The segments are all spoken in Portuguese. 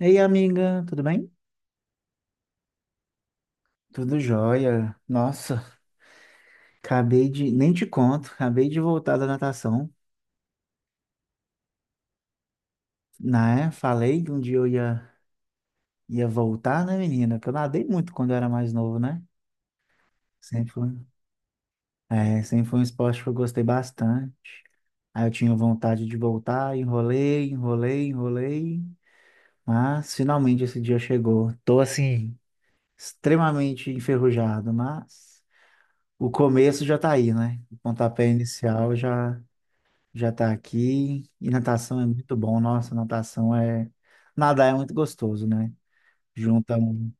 Ei, amiga, tudo bem? Tudo jóia. Nossa, nem te conto, acabei de voltar da natação, né? Falei que um dia eu ia voltar, né, menina? Que eu nadei muito quando eu era mais novo, né? Sempre foi, sempre foi um esporte que eu gostei bastante. Aí eu tinha vontade de voltar, enrolei, enrolei, enrolei, mas finalmente esse dia chegou. Tô assim, extremamente enferrujado, mas o começo já tá aí, né? O pontapé inicial já tá aqui. E natação é muito bom. Nossa, natação é. Nadar é muito gostoso, né? Junta um.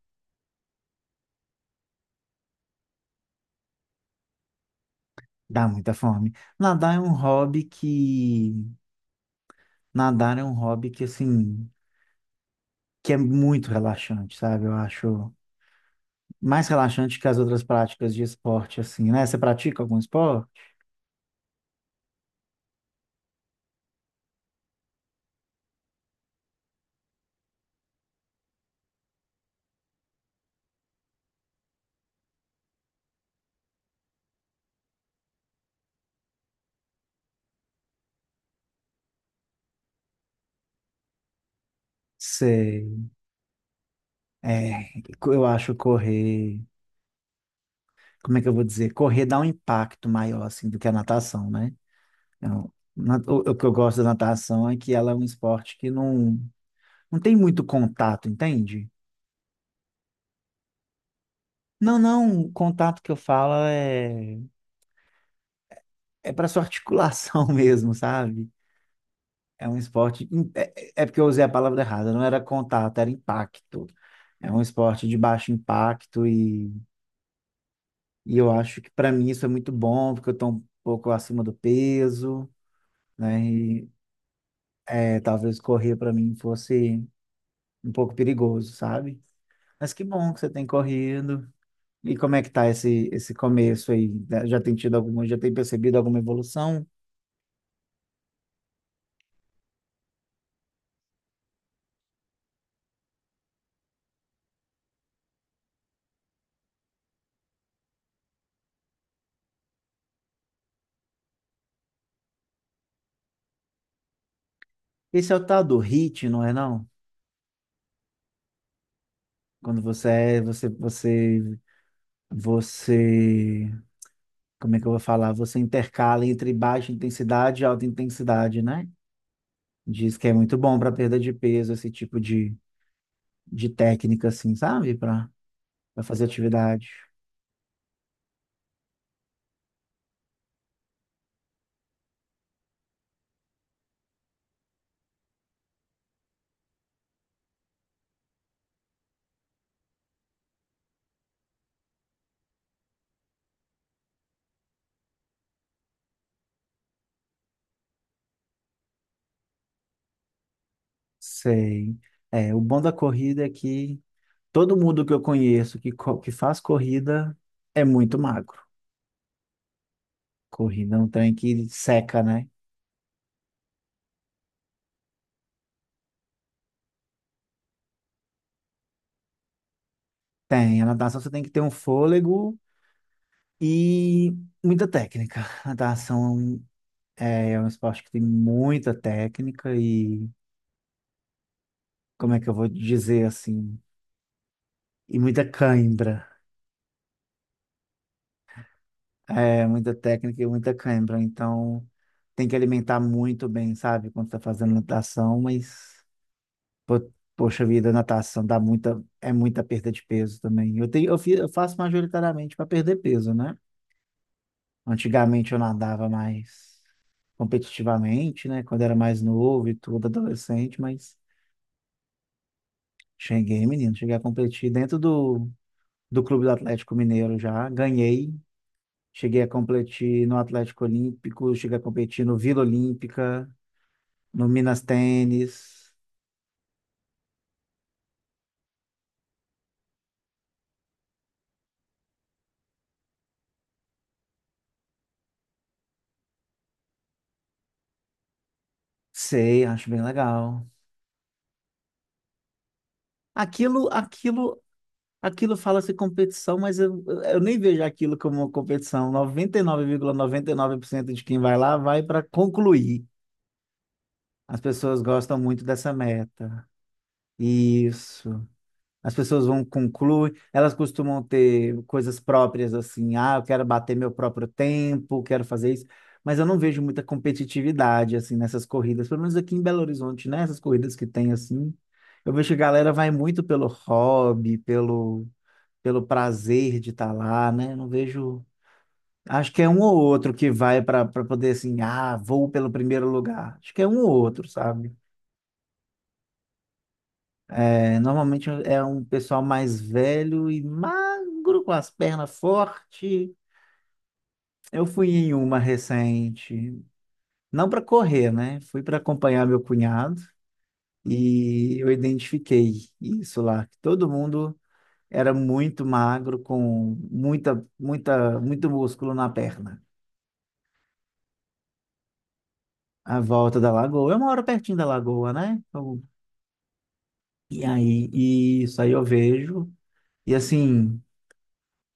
Dá muita fome. Nadar é um hobby que. Nadar é um hobby que, assim. Que é muito relaxante, sabe? Eu acho mais relaxante que as outras práticas de esporte, assim, né? Você pratica algum esporte? Sei. É, eu acho correr. Como é que eu vou dizer? Correr dá um impacto maior, assim, do que a natação, né? Não. O que eu gosto da natação é que ela é um esporte que não, não tem muito contato, entende? Não, não, o contato que eu falo é para sua articulação mesmo, sabe? É um esporte. É porque eu usei a palavra errada, não era contato, era impacto. É um esporte de baixo impacto e eu acho que para mim isso é muito bom, porque eu estou um pouco acima do peso, né? E é, talvez correr para mim fosse um pouco perigoso, sabe? Mas que bom que você tem corrido. E como é que tá esse começo aí? Já tem tido alguma, já tem percebido alguma evolução? Esse é o tal do HIIT, não é não? Quando você é, você, você, você, como é que eu vou falar? Você intercala entre baixa intensidade e alta intensidade, né? Diz que é muito bom para perda de peso, esse tipo de técnica, assim, sabe? Para fazer atividade. Sei. É, o bom da corrida é que todo mundo que eu conheço que faz corrida é muito magro. Corrida é um trem que seca, né? Tem. A natação você tem que ter um fôlego e muita técnica. A natação é um esporte que tem muita técnica e, como é que eu vou dizer assim? E muita cãibra. É, muita técnica e muita cãibra. Então, tem que alimentar muito bem, sabe? Quando está fazendo natação, mas. Po- Poxa vida, natação dá muita, é muita perda de peso também. Eu tenho, eu fi- eu faço majoritariamente para perder peso, né? Antigamente eu nadava mais competitivamente, né? Quando era mais novo e tudo, adolescente, mas cheguei, menino, cheguei a competir dentro do Clube do Atlético Mineiro já, ganhei, cheguei a competir no Atlético Olímpico, cheguei a competir no Vila Olímpica, no Minas Tênis, sei, acho bem legal. Aquilo, aquilo Aquilo fala-se competição, mas eu nem vejo aquilo como uma competição. Noventa e nove vírgula noventa e nove por cento de quem vai lá vai para concluir. As pessoas gostam muito dessa meta. Isso. As pessoas vão concluir, elas costumam ter coisas próprias assim, ah, eu quero bater meu próprio tempo, quero fazer isso, mas eu não vejo muita competitividade assim nessas corridas, pelo menos aqui em Belo Horizonte, né? Essas corridas que tem assim, eu vejo que a galera vai muito pelo hobby, pelo pelo prazer de estar lá, né? Não vejo. Acho que é um ou outro que vai para poder assim, ah, vou pelo primeiro lugar. Acho que é um ou outro, sabe? É, normalmente é um pessoal mais velho e magro, com as pernas fortes. Eu fui em uma recente, não para correr, né? Fui para acompanhar meu cunhado e eu identifiquei isso lá, que todo mundo era muito magro, com muita, muita, muito músculo na perna. A volta da Lagoa. Eu moro pertinho da Lagoa, né? Eu- e aí, e isso aí eu vejo. E assim,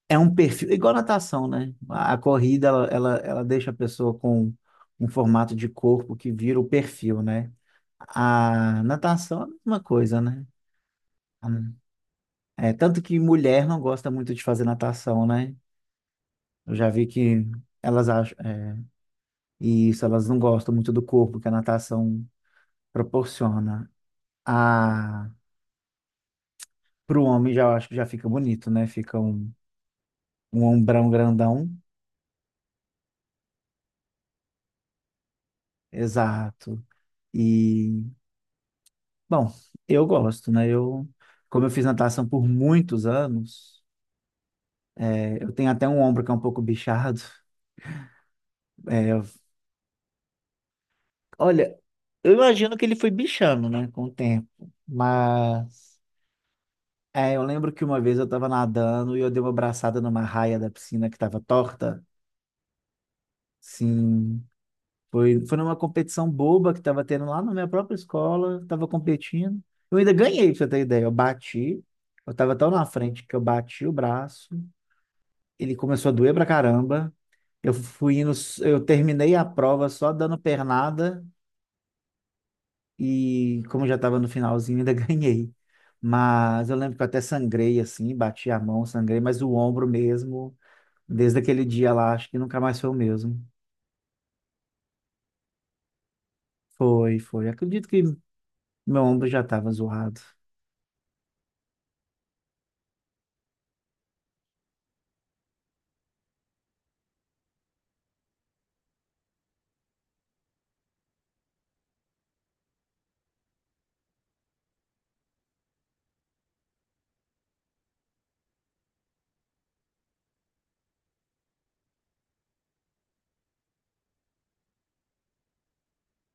é um perfil, igual natação, né? A corrida, ela deixa a pessoa com um formato de corpo que vira o perfil, né? A natação é a mesma coisa, né? A- É, tanto que mulher não gosta muito de fazer natação, né? Eu já vi que elas acham, é, e isso, elas não gostam muito do corpo que a natação proporciona. Para o homem, já eu acho que já fica bonito, né? Fica um, ombrão grandão. Exato. E, bom, eu gosto, né? Eu, como eu fiz natação por muitos anos, eu tenho até um ombro que é um pouco bichado. É, olha, eu imagino que ele foi bichando, né? Com o tempo. Mas, eu lembro que uma vez eu estava nadando e eu dei uma braçada numa raia da piscina que estava torta. Sim. Foi numa competição boba que estava tendo lá na minha própria escola, estava competindo. Eu ainda ganhei, pra você ter ideia. Eu estava tão na frente que eu bati o braço, ele começou a doer pra caramba. Eu fui indo, eu terminei a prova só dando pernada e, como eu já estava no finalzinho, ainda ganhei. Mas eu lembro que eu até sangrei assim, bati a mão, sangrei, mas o ombro mesmo, desde aquele dia lá, acho que nunca mais foi o mesmo. Foi, foi. Acredito que meu ombro já estava zoado.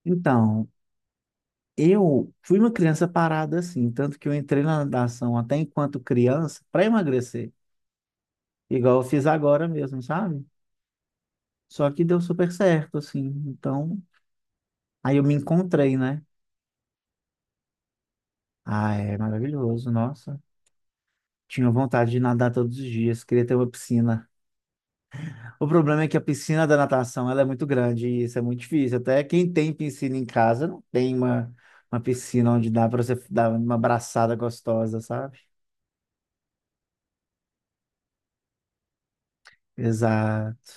Então, eu fui uma criança parada assim, tanto que eu entrei na natação até enquanto criança para emagrecer, igual eu fiz agora mesmo, sabe? Só que deu super certo, assim. Então, aí eu me encontrei, né? Ah, é maravilhoso, nossa. Tinha vontade de nadar todos os dias, queria ter uma piscina. O problema é que a piscina da natação, ela é muito grande e isso é muito difícil. Até quem tem piscina em casa não tem uma piscina onde dá para você dar uma abraçada gostosa, sabe? Exato.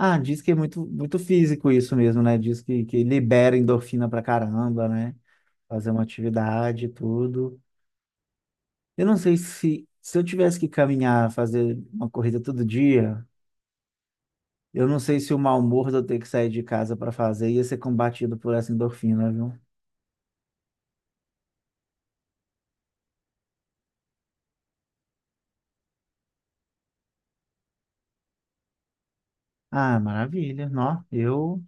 Ah, diz que é muito, muito físico isso mesmo, né? Diz que libera endorfina pra caramba, né? Fazer uma atividade e tudo. Eu não sei se eu tivesse que caminhar, fazer uma corrida todo dia, eu não sei se o mau humor de eu ter que sair de casa para fazer ia ser combatido por essa endorfina, viu? Ah, maravilha. Não, eu,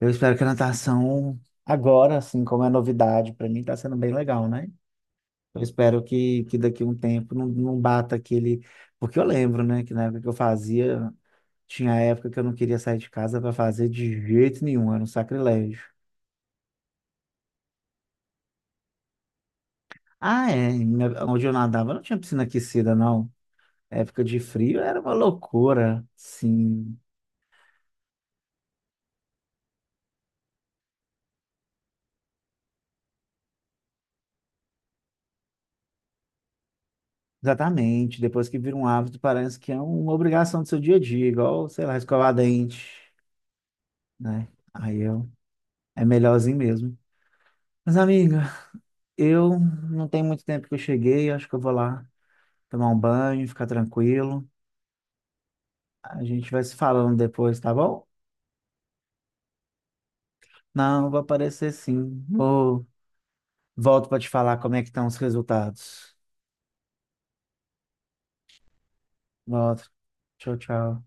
eu espero que a natação agora, assim, como é novidade, para mim tá sendo bem legal, né? Eu espero que daqui a um tempo não bata aquele. Porque eu lembro, né, que na época que eu fazia. Tinha época que eu não queria sair de casa para fazer de jeito nenhum, era um sacrilégio. Ah, é, onde eu nadava não tinha piscina aquecida, não. Época de frio era uma loucura, sim. Exatamente, depois que vira um hábito, parece que é uma obrigação do seu dia a dia, igual, sei lá, escovar dente, né? Aí eu, é melhorzinho mesmo. Mas, amiga, eu não tem muito tempo que eu cheguei, acho que eu vou lá tomar um banho, ficar tranquilo. A gente vai se falando depois, tá bom? Não, vai aparecer sim. Vou... Volto para te falar como é que estão os resultados. Volto. Tchau, tchau.